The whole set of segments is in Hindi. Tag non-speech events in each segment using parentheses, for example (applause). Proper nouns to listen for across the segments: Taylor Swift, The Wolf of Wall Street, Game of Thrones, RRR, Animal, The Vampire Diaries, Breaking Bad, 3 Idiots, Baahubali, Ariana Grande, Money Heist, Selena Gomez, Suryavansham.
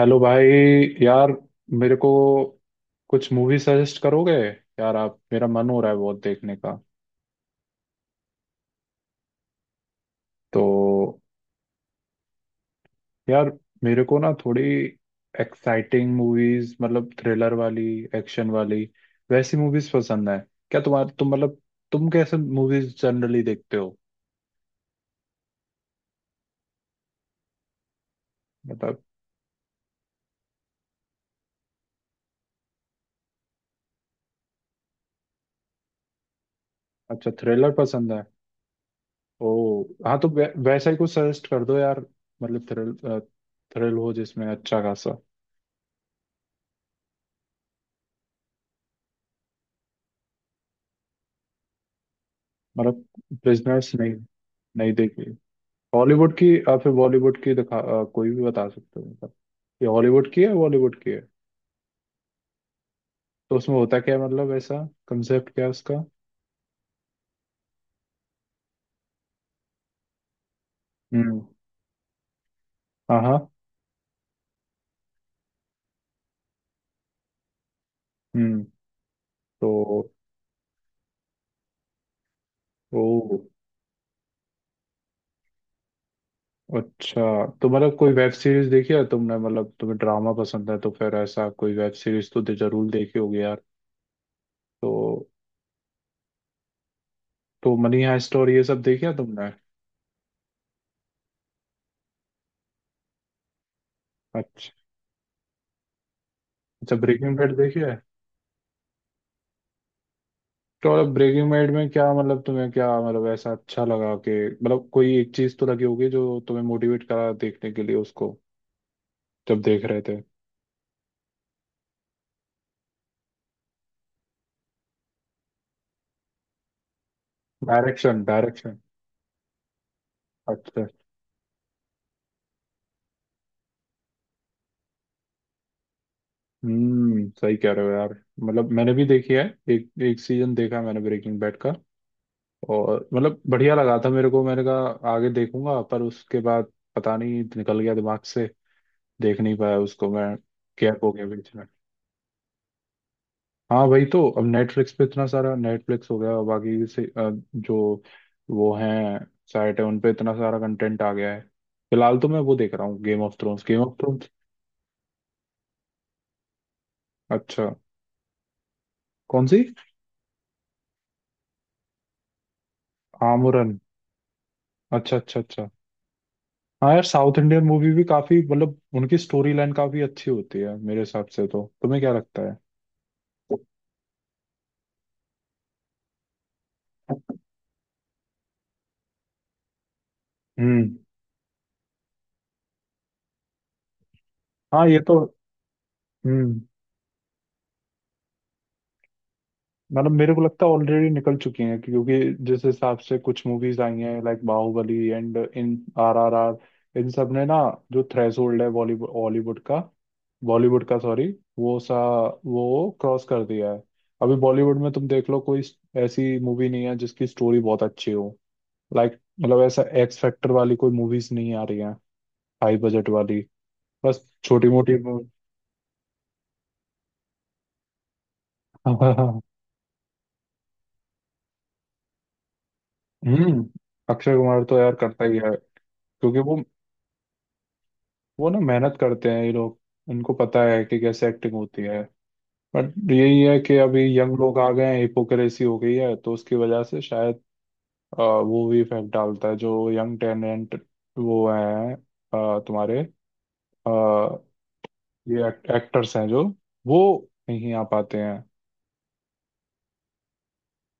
हेलो भाई। यार मेरे को कुछ मूवी सजेस्ट करोगे यार? आप मेरा मन हो रहा है बहुत देखने का। तो यार मेरे को ना थोड़ी एक्साइटिंग मूवीज, मतलब थ्रिलर वाली, एक्शन वाली, वैसी मूवीज पसंद है। क्या तुम मतलब तुम कैसे मूवीज जनरली देखते हो? मतलब। अच्छा, थ्रिलर पसंद है। ओ हाँ, तो वैसा ही कुछ सजेस्ट कर दो यार। मतलब थ्रिल, थ्रिल हो जिसमें अच्छा खासा। मतलब बिजनेस? नहीं, नहीं देखी। हॉलीवुड की या फिर बॉलीवुड की दिखा, कोई भी बता सकते हो मतलब। ये हॉलीवुड की है, बॉलीवुड की है? तो उसमें होता क्या है, मतलब ऐसा कंसेप्ट क्या है उसका? हम्म। हाँ, हाँ। हम्म। तो ओ, अच्छा। तो मतलब कोई वेब सीरीज देखी है तुमने? मतलब तुम्हें ड्रामा पसंद है तो फिर ऐसा कोई वेब सीरीज तो जरूर देखी होगी यार। तो तो मनी हाइस्ट और ये सब देखी है तुमने? अच्छा। अच्छा, ब्रेकिंग बैड देखी है। तो मतलब ब्रेकिंग बैड में क्या, मतलब तुम्हें क्या, मतलब ऐसा अच्छा लगा कि... मतलब कोई एक चीज तो लगी होगी जो तुम्हें मोटिवेट करा देखने के लिए उसको, जब देख रहे थे। Direction, direction. अच्छा। हम्म, सही कह रहे हो यार। मतलब मैंने भी देखी है। एक एक सीजन देखा मैंने ब्रेकिंग बैड का। और मतलब बढ़िया लगा था मेरे को, मैंने कहा आगे देखूंगा, पर उसके बाद पता नहीं, निकल गया दिमाग से। देख नहीं पाया उसको मैं। गैप हो गया बीच। हाँ वही तो। अब नेटफ्लिक्स पे इतना सारा, नेटफ्लिक्स हो गया, बाकी से जो वो हैं साइट है, उन पे इतना सारा कंटेंट आ गया है। फिलहाल तो मैं वो देख रहा हूँ, Game of Thrones, Game of Thrones. अच्छा। कौन सी? आमूरन। अच्छा, अच्छा, अच्छा। हाँ यार, साउथ इंडियन मूवी भी काफी, मतलब उनकी स्टोरी लाइन काफी अच्छी होती है मेरे हिसाब से। तो तुम्हें क्या लगता है? हम्म। हाँ ये तो। हम्म। मतलब मेरे को लगता है ऑलरेडी निकल चुकी हैं, क्योंकि जिस हिसाब से कुछ मूवीज आई हैं, लाइक बाहुबली एंड इन, आर आर आर, इन सब ने ना, जो थ्रेशोल्ड है बॉलीवुड हॉलीवुड का, बॉलीवुड का, सॉरी, वो सा वो क्रॉस कर दिया है। अभी बॉलीवुड में तुम देख लो, कोई ऐसी मूवी नहीं है जिसकी स्टोरी बहुत अच्छी हो। लाइक मतलब, ऐसा एक्स फैक्टर वाली कोई मूवीज नहीं आ रही हैं, हाई बजट वाली। बस छोटी मोटी। (laughs) हम्म। अक्षय कुमार तो यार करता ही है। क्योंकि वो ना, मेहनत करते हैं ये लोग। उनको पता है कि कैसे एक्टिंग होती है। बट यही है कि अभी यंग लोग आ गए हैं, हिपोक्रेसी हो गई है तो उसकी वजह से शायद वो भी इफेक्ट डालता है, जो यंग टैलेंट वो हैं, तुम्हारे, अ, ये एक्टर्स हैं जो वो नहीं आ पाते हैं।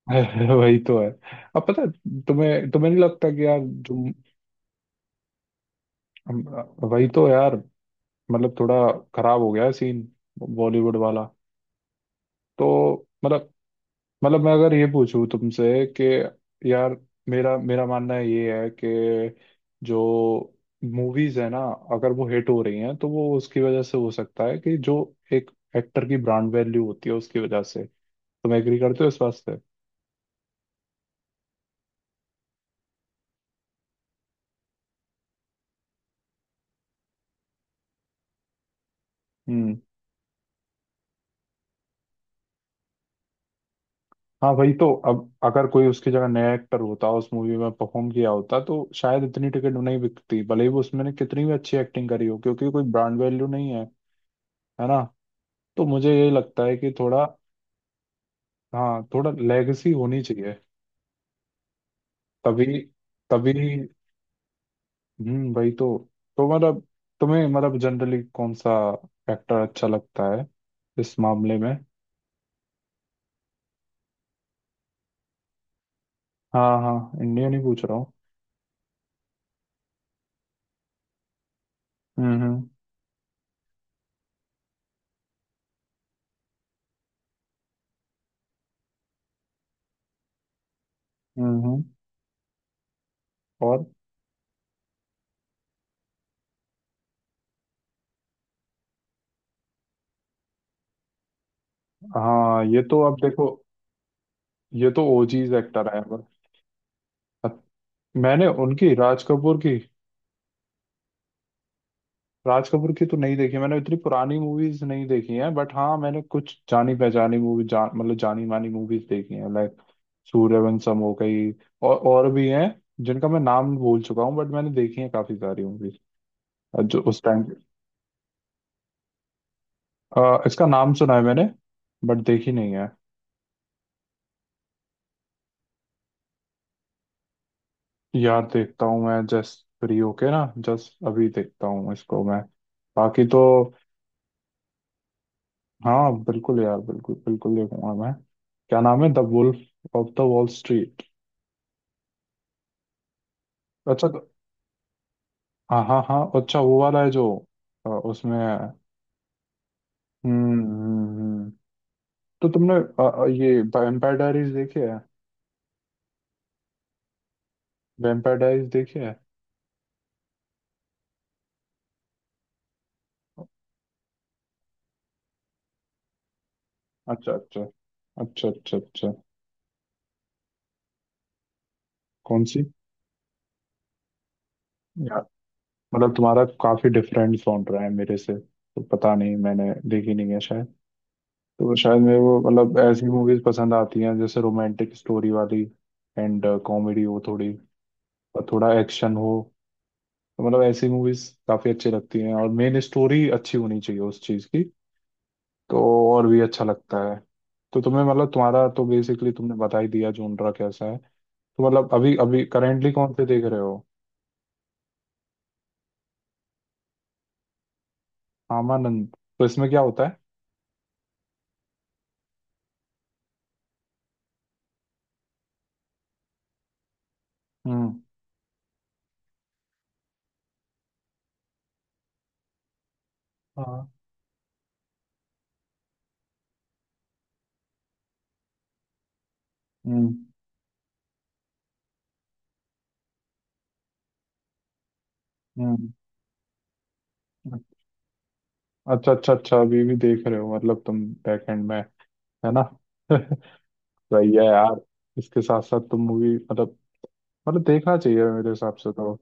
(laughs) वही तो है। अब पता है, तुम्हें तुम्हें नहीं लगता कि यार जो हम- वही तो यार। मतलब थोड़ा खराब हो गया है सीन, बॉलीवुड वाला। तो मतलब मतलब मैं अगर ये पूछूं तुमसे कि यार, मेरा मेरा मानना ये है कि जो मूवीज है ना, अगर वो हिट हो रही हैं तो वो उसकी वजह से हो सकता है कि जो एक एक्टर की ब्रांड वैल्यू होती है, उसकी वजह से। तुम एग्री करते हो इस बात से? हम्म। हाँ भाई, तो अब अगर कोई उसकी जगह नया एक्टर होता, उस मूवी में परफॉर्म किया होता, तो शायद इतनी टिकट नहीं बिकती, भले ही वो उसमें ने कितनी भी अच्छी एक्टिंग करी हो, क्योंकि कोई ब्रांड वैल्यू नहीं है। है ना? तो मुझे ये लगता है कि थोड़ा... हाँ, थोड़ा लेगेसी होनी चाहिए। तभी। तभी। भाई। तो मतलब तुम्हें, मतलब जनरली कौन सा एक्टर अच्छा लगता है इस मामले में? हाँ, हाँ, इंडिया नहीं पूछ रहा हूँ। हम्म, हम्म, हम्म, हम्म, और। हाँ ये तो। अब देखो, ये तो ओजीज एक्टर है। मैंने उनकी राज कपूर की, राज कपूर की तो नहीं देखी मैंने, इतनी पुरानी मूवीज नहीं देखी हैं। बट हाँ, मैंने कुछ जानी पहचानी मूवी, जान मतलब जानी मानी मूवीज देखी हैं, लाइक सूर्यवंशम हो गई, और भी हैं जिनका मैं नाम भूल चुका हूँ, बट मैंने देखी है काफी सारी मूवीज जो उस टाइम... इसका नाम सुना है मैंने, बट देखी नहीं है। यार देखता हूँ मैं जस्ट फ्री होके ना, जस्ट अभी देखता हूँ इसको मैं। बाकी तो। हाँ बिल्कुल यार, बिल्कुल बिल्कुल देखूंगा मैं। क्या नाम है? The wolf of the wall street. अच्छा। हाँ, हाँ, हाँ, अच्छा, वो वाला है जो उसमें है। हम्म, हम्म, तो तुमने ये वैम्पायर डायरीज देखी है? वैम्पायर डायरीज देखी है? अच्छा, अच्छा, अच्छा। अच्छा, अच्छा। कौन सी? यार मतलब, तुम्हारा काफी डिफरेंट साउंड रहा है मेरे से, तो पता नहीं, मैंने देखी नहीं है शायद। तो शायद मेरे को मतलब ऐसी मूवीज पसंद आती हैं जैसे रोमांटिक स्टोरी वाली, एंड कॉमेडी हो थोड़ी, और थोड़ा एक्शन हो। तो मतलब ऐसी मूवीज काफी अच्छी लगती हैं, और मेन स्टोरी अच्छी होनी चाहिए उस चीज की। तो और भी अच्छा लगता है। तो तुम्हें मतलब, तुम्हारा तो बेसिकली तुमने बता ही दिया जोनरा कैसा है। तो मतलब अभी अभी करेंटली कौन से देख रहे हो? आमानंद। तो इसमें क्या होता है? हम्म। हाँ। हम्म। हम्म। अच्छा, अच्छा, अच्छा, अभी भी देख रहे हो मतलब तुम, बैक एंड में? है ना? (laughs) सही है यार। इसके साथ साथ तुम मूवी, मतलब देखना चाहिए मेरे हिसाब से तो।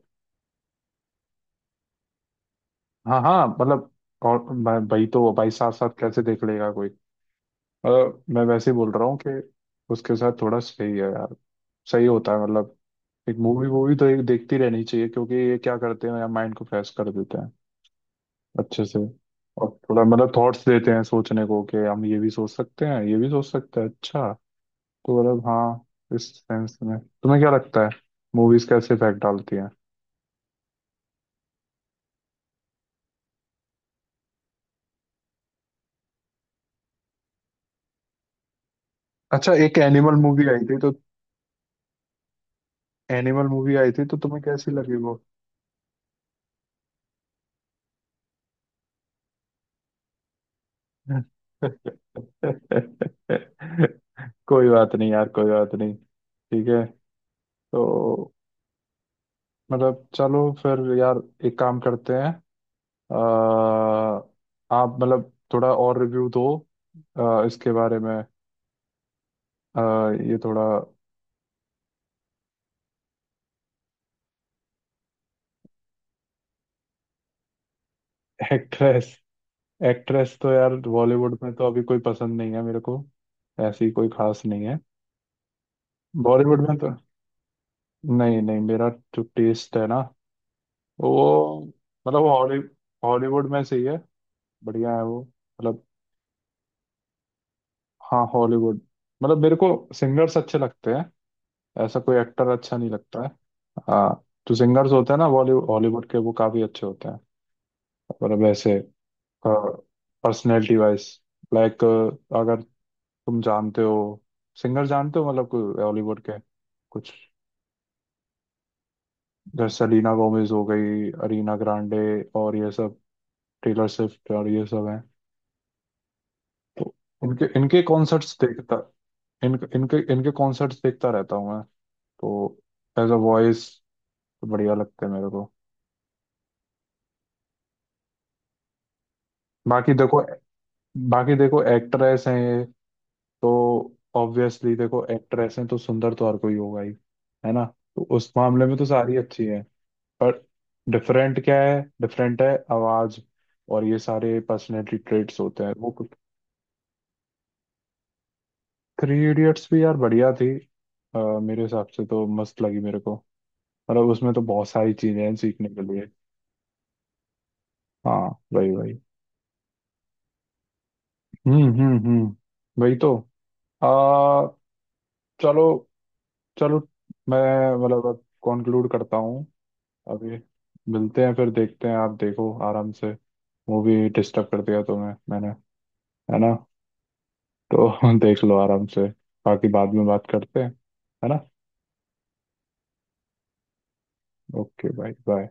हाँ, हाँ, मतलब, और मैं भाई, तो भाई साथ साथ कैसे देख लेगा कोई? मतलब मैं वैसे ही बोल रहा हूँ कि उसके साथ थोड़ा सही है यार, सही होता है मतलब। एक मूवी वूवी तो एक देखती रहनी चाहिए, क्योंकि ये क्या करते हैं यार, माइंड को फ्रेश कर देते हैं अच्छे से। और थोड़ा मतलब थॉट्स देते हैं सोचने को, कि हम ये भी सोच सकते हैं, ये भी सोच सकते हैं। अच्छा। तो मतलब हाँ, इस सेंस में तुम्हें क्या लगता है, मूवीज कैसे इफेक्ट डालती हैं? अच्छा, एक एनिमल मूवी आई थी तो... एनिमल मूवी आई थी तो तुम्हें कैसी लगी वो? (laughs) कोई बात नहीं यार, कोई बात नहीं, ठीक है। तो मतलब चलो फिर यार, एक काम करते हैं। आ, आप मतलब थोड़ा और रिव्यू दो, इसके बारे में, ये थोड़ा। एक्ट्रेस? एक्ट्रेस तो यार, बॉलीवुड में तो अभी कोई पसंद नहीं है मेरे को। ऐसी कोई खास नहीं है बॉलीवुड में तो। नहीं, नहीं, मेरा जो टेस्ट है ना वो मतलब हॉलीवुड में से ही है, बढ़िया है वो मतलब। हाँ, हॉलीवुड। मतलब मेरे को सिंगर्स अच्छे लगते हैं, ऐसा कोई एक्टर अच्छा नहीं लगता है। हाँ, जो सिंगर्स होते हैं ना बॉलीवुड हॉलीवुड के, वो काफी अच्छे होते हैं मतलब ऐसे पर्सनैलिटी वाइज, लाइक अगर तुम जानते हो सिंगर, जानते हो मतलब कोई हॉलीवुड के, कुछ जैसे सेलिना गोमेज हो गई, अरीना ग्रांडे और ये सब, टेलर स्विफ्ट और ये सब हैं। तो इनके इनके कॉन्सर्ट्स देखता, इन इनके इनके कॉन्सर्ट्स देखता रहता हूँ मैं। तो एज अ वॉइस बढ़िया लगते हैं मेरे को। बाकी देखो बाकी देखो, एक्ट्रेस हैं ये, तो ऑब्वियसली देखो, एक्ट्रेस हैं तो सुंदर तो हर कोई होगा ही। है ना? तो उस मामले में तो सारी अच्छी है। पर डिफरेंट क्या है? डिफरेंट है आवाज, और ये सारे पर्सनैलिटी ट्रेट्स होते हैं वो। थ्री इडियट्स भी यार बढ़िया थी, मेरे हिसाब से तो मस्त लगी मेरे को। मतलब उसमें तो बहुत सारी चीजें हैं सीखने के लिए। हाँ वही, वही। हम्म, हम्म, हम्म। वही तो। चलो, चलो, मैं मतलब अब कंक्लूड करता हूँ। अभी मिलते हैं फिर, देखते हैं। आप देखो आराम से, मूवी डिस्टर्ब कर दिया तुम्हें मैंने, है ना? तो (laughs) देख लो आराम से। बाकी बाद में बात करते हैं, है ना? Okay, bye bye.